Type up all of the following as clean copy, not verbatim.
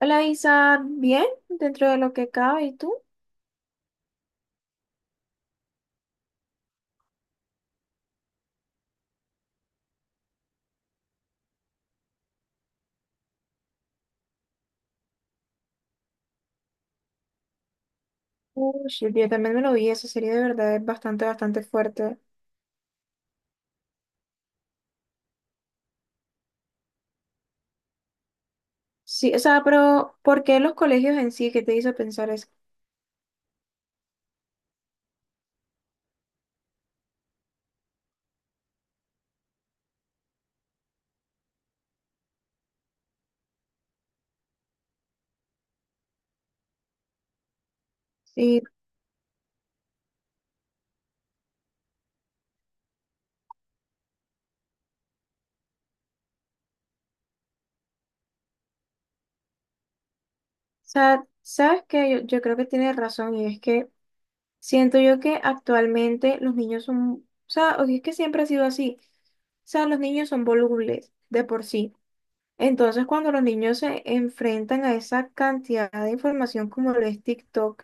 Hola Isa, bien, dentro de lo que cabe, ¿y tú? Uy, yo también me lo vi, esa serie de verdad es bastante, bastante fuerte. Sí, o sea, pero ¿por qué los colegios en sí? ¿Qué te hizo pensar eso? Sí, o sea, sabes que yo creo que tienes razón y es que siento yo que actualmente los niños son, o sea, o si es que siempre ha sido así, o sea, los niños son volubles de por sí. Entonces, cuando los niños se enfrentan a esa cantidad de información como lo es TikTok,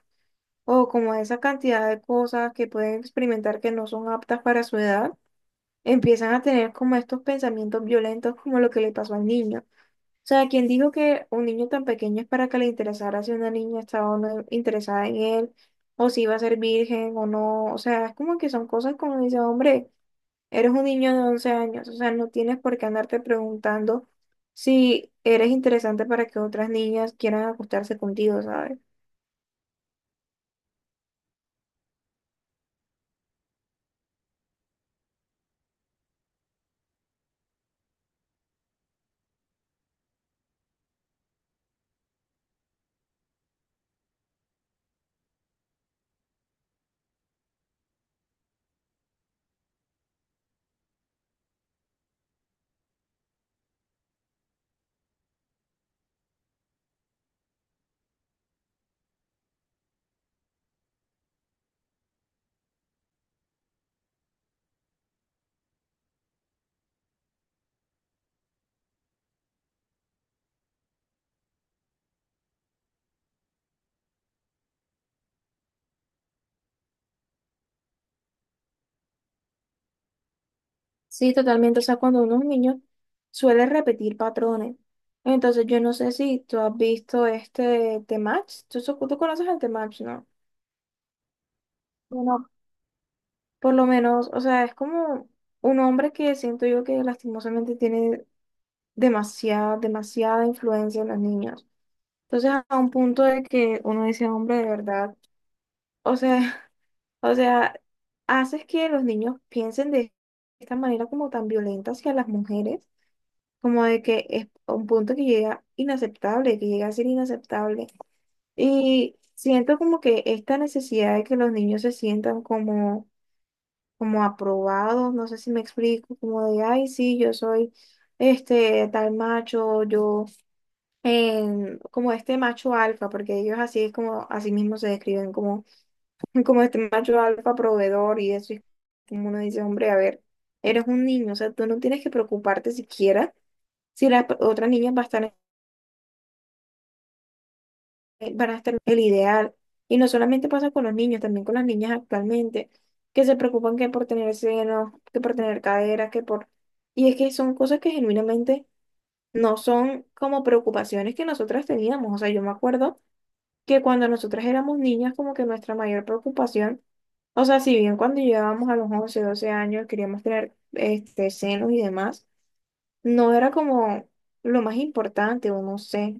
o como esa cantidad de cosas que pueden experimentar que no son aptas para su edad, empiezan a tener como estos pensamientos violentos como lo que le pasó al niño. O sea, quien dijo que un niño tan pequeño es para que le interesara si una niña estaba o no interesada en él, o si iba a ser virgen o no. O sea, es como que son cosas como dice, hombre, eres un niño de 11 años, o sea, no tienes por qué andarte preguntando si eres interesante para que otras niñas quieran acostarse contigo, ¿sabes? Sí, totalmente. O sea, cuando uno es niño suele repetir patrones. Entonces, yo no sé si tú has visto este The Match. ¿Tú conoces al The Match, ¿no? Bueno, por lo menos, o sea, es como un hombre que siento yo que lastimosamente tiene demasiada, demasiada influencia en los niños. Entonces, a un punto de que uno dice, hombre, de verdad, o sea, o sea, haces que los niños piensen de esta manera como tan violenta hacia las mujeres como de que es un punto que llega inaceptable, que llega a ser inaceptable. Y siento como que esta necesidad de que los niños se sientan como, aprobados, no sé si me explico, como de, ay, sí, yo soy este tal macho, yo, como este macho alfa, porque ellos así es como, así mismo se describen como, este macho alfa proveedor y eso, y como uno dice, hombre, a ver, eres un niño, o sea, tú no tienes que preocuparte siquiera si otra niña va a estar van a estar el ideal. Y no solamente pasa con los niños, también con las niñas actualmente, que se preocupan que por tener senos, que por tener caderas, que por... Y es que son cosas que genuinamente no son como preocupaciones que nosotras teníamos. O sea, yo me acuerdo que cuando nosotras éramos niñas, como que nuestra mayor preocupación, o sea, si bien cuando llegábamos a los 11, 12 años queríamos tener senos y demás, no era como lo más importante, o no sé.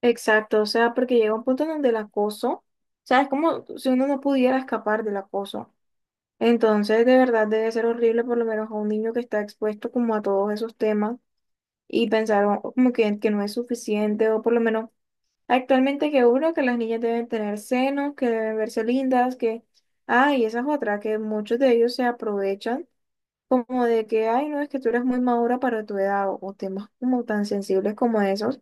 Exacto, o sea, porque llega un punto en donde el acoso, o sea, es como si uno no pudiera escapar del acoso. Entonces, de verdad debe ser horrible por lo menos a un niño que está expuesto como a todos esos temas y pensar como que no es suficiente o por lo menos actualmente que uno, que las niñas deben tener senos, que deben verse lindas, que, ay, esa es otra, que muchos de ellos se aprovechan como de que, ay, no, es que tú eres muy madura para tu edad o temas como tan sensibles como esos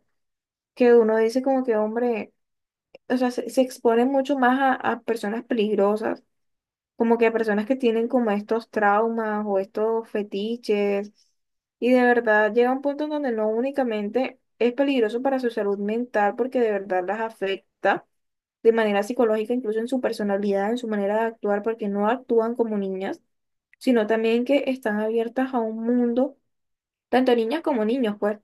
que uno dice como que, hombre, o sea, se expone mucho más a personas peligrosas, como que a personas que tienen como estos traumas o estos fetiches. Y de verdad llega un punto en donde no únicamente es peligroso para su salud mental, porque de verdad las afecta de manera psicológica, incluso en su personalidad, en su manera de actuar, porque no actúan como niñas, sino también que están abiertas a un mundo, tanto niñas como niños, pues,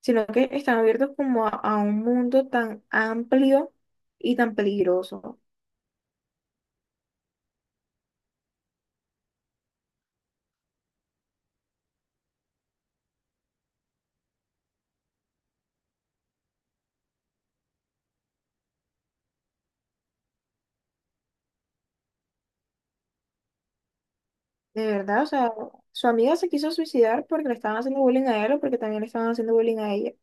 sino que están abiertos como a un mundo tan amplio y tan peligroso. De verdad, o sea, su amiga se quiso suicidar porque le estaban haciendo bullying a él o porque también le estaban haciendo bullying a ella.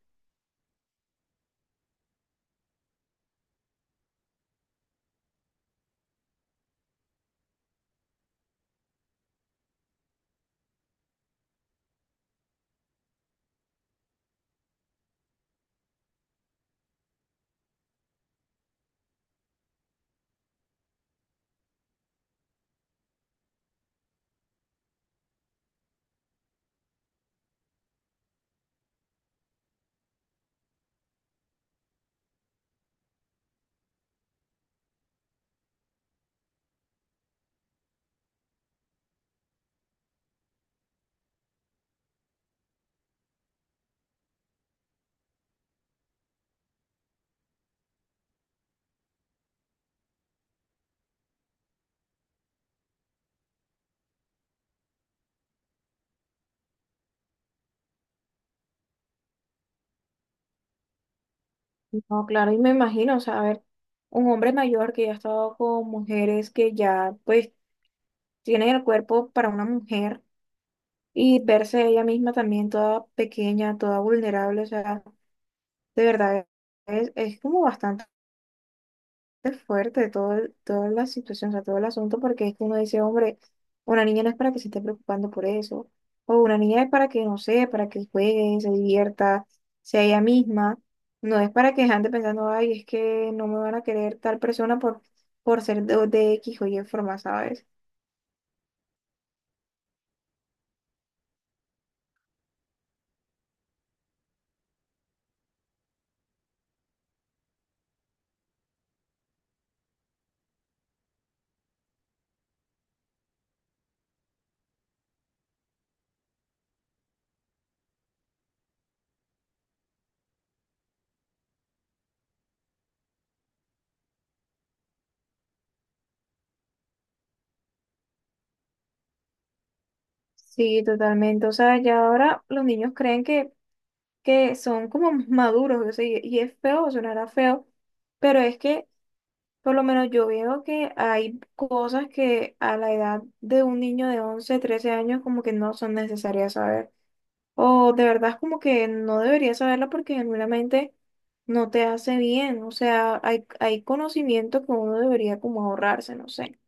No, claro, y me imagino, o sea, a ver, un hombre mayor que ya ha estado con mujeres que ya, pues, tienen el cuerpo para una mujer y verse ella misma también toda pequeña, toda vulnerable, o sea, de verdad, es como bastante. Es fuerte todo, toda la situación, o sea, todo el asunto, porque es que uno dice, hombre, una niña no es para que se esté preocupando por eso, o una niña es para que, no sé, para que juegue, se divierta, sea ella misma, no es para que ande pensando, ay, es que no me van a querer tal persona por ser de X o Y forma, ¿sabes? Sí, totalmente, o sea, ya ahora los niños creen que son como maduros, o sea, y es feo, sonará feo, pero es que... Por lo menos yo veo que hay cosas que a la edad de un niño de 11, 13 años como que no son necesarias saber. O de verdad es como que no deberías saberla porque genuinamente no te hace bien. O sea, hay conocimiento que uno debería como ahorrarse, no sé.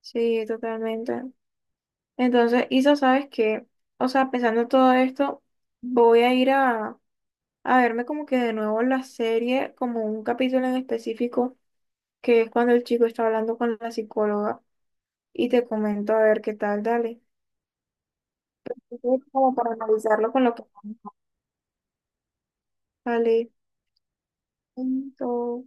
Sí, totalmente. Entonces, Isa, sabes que, o sea, pensando en todo esto, voy a ir a verme como que de nuevo la serie, como un capítulo en específico que es cuando el chico está hablando con la psicóloga y te comento a ver qué tal, dale. Entonces, como para analizarlo con lo que... Dale, punto.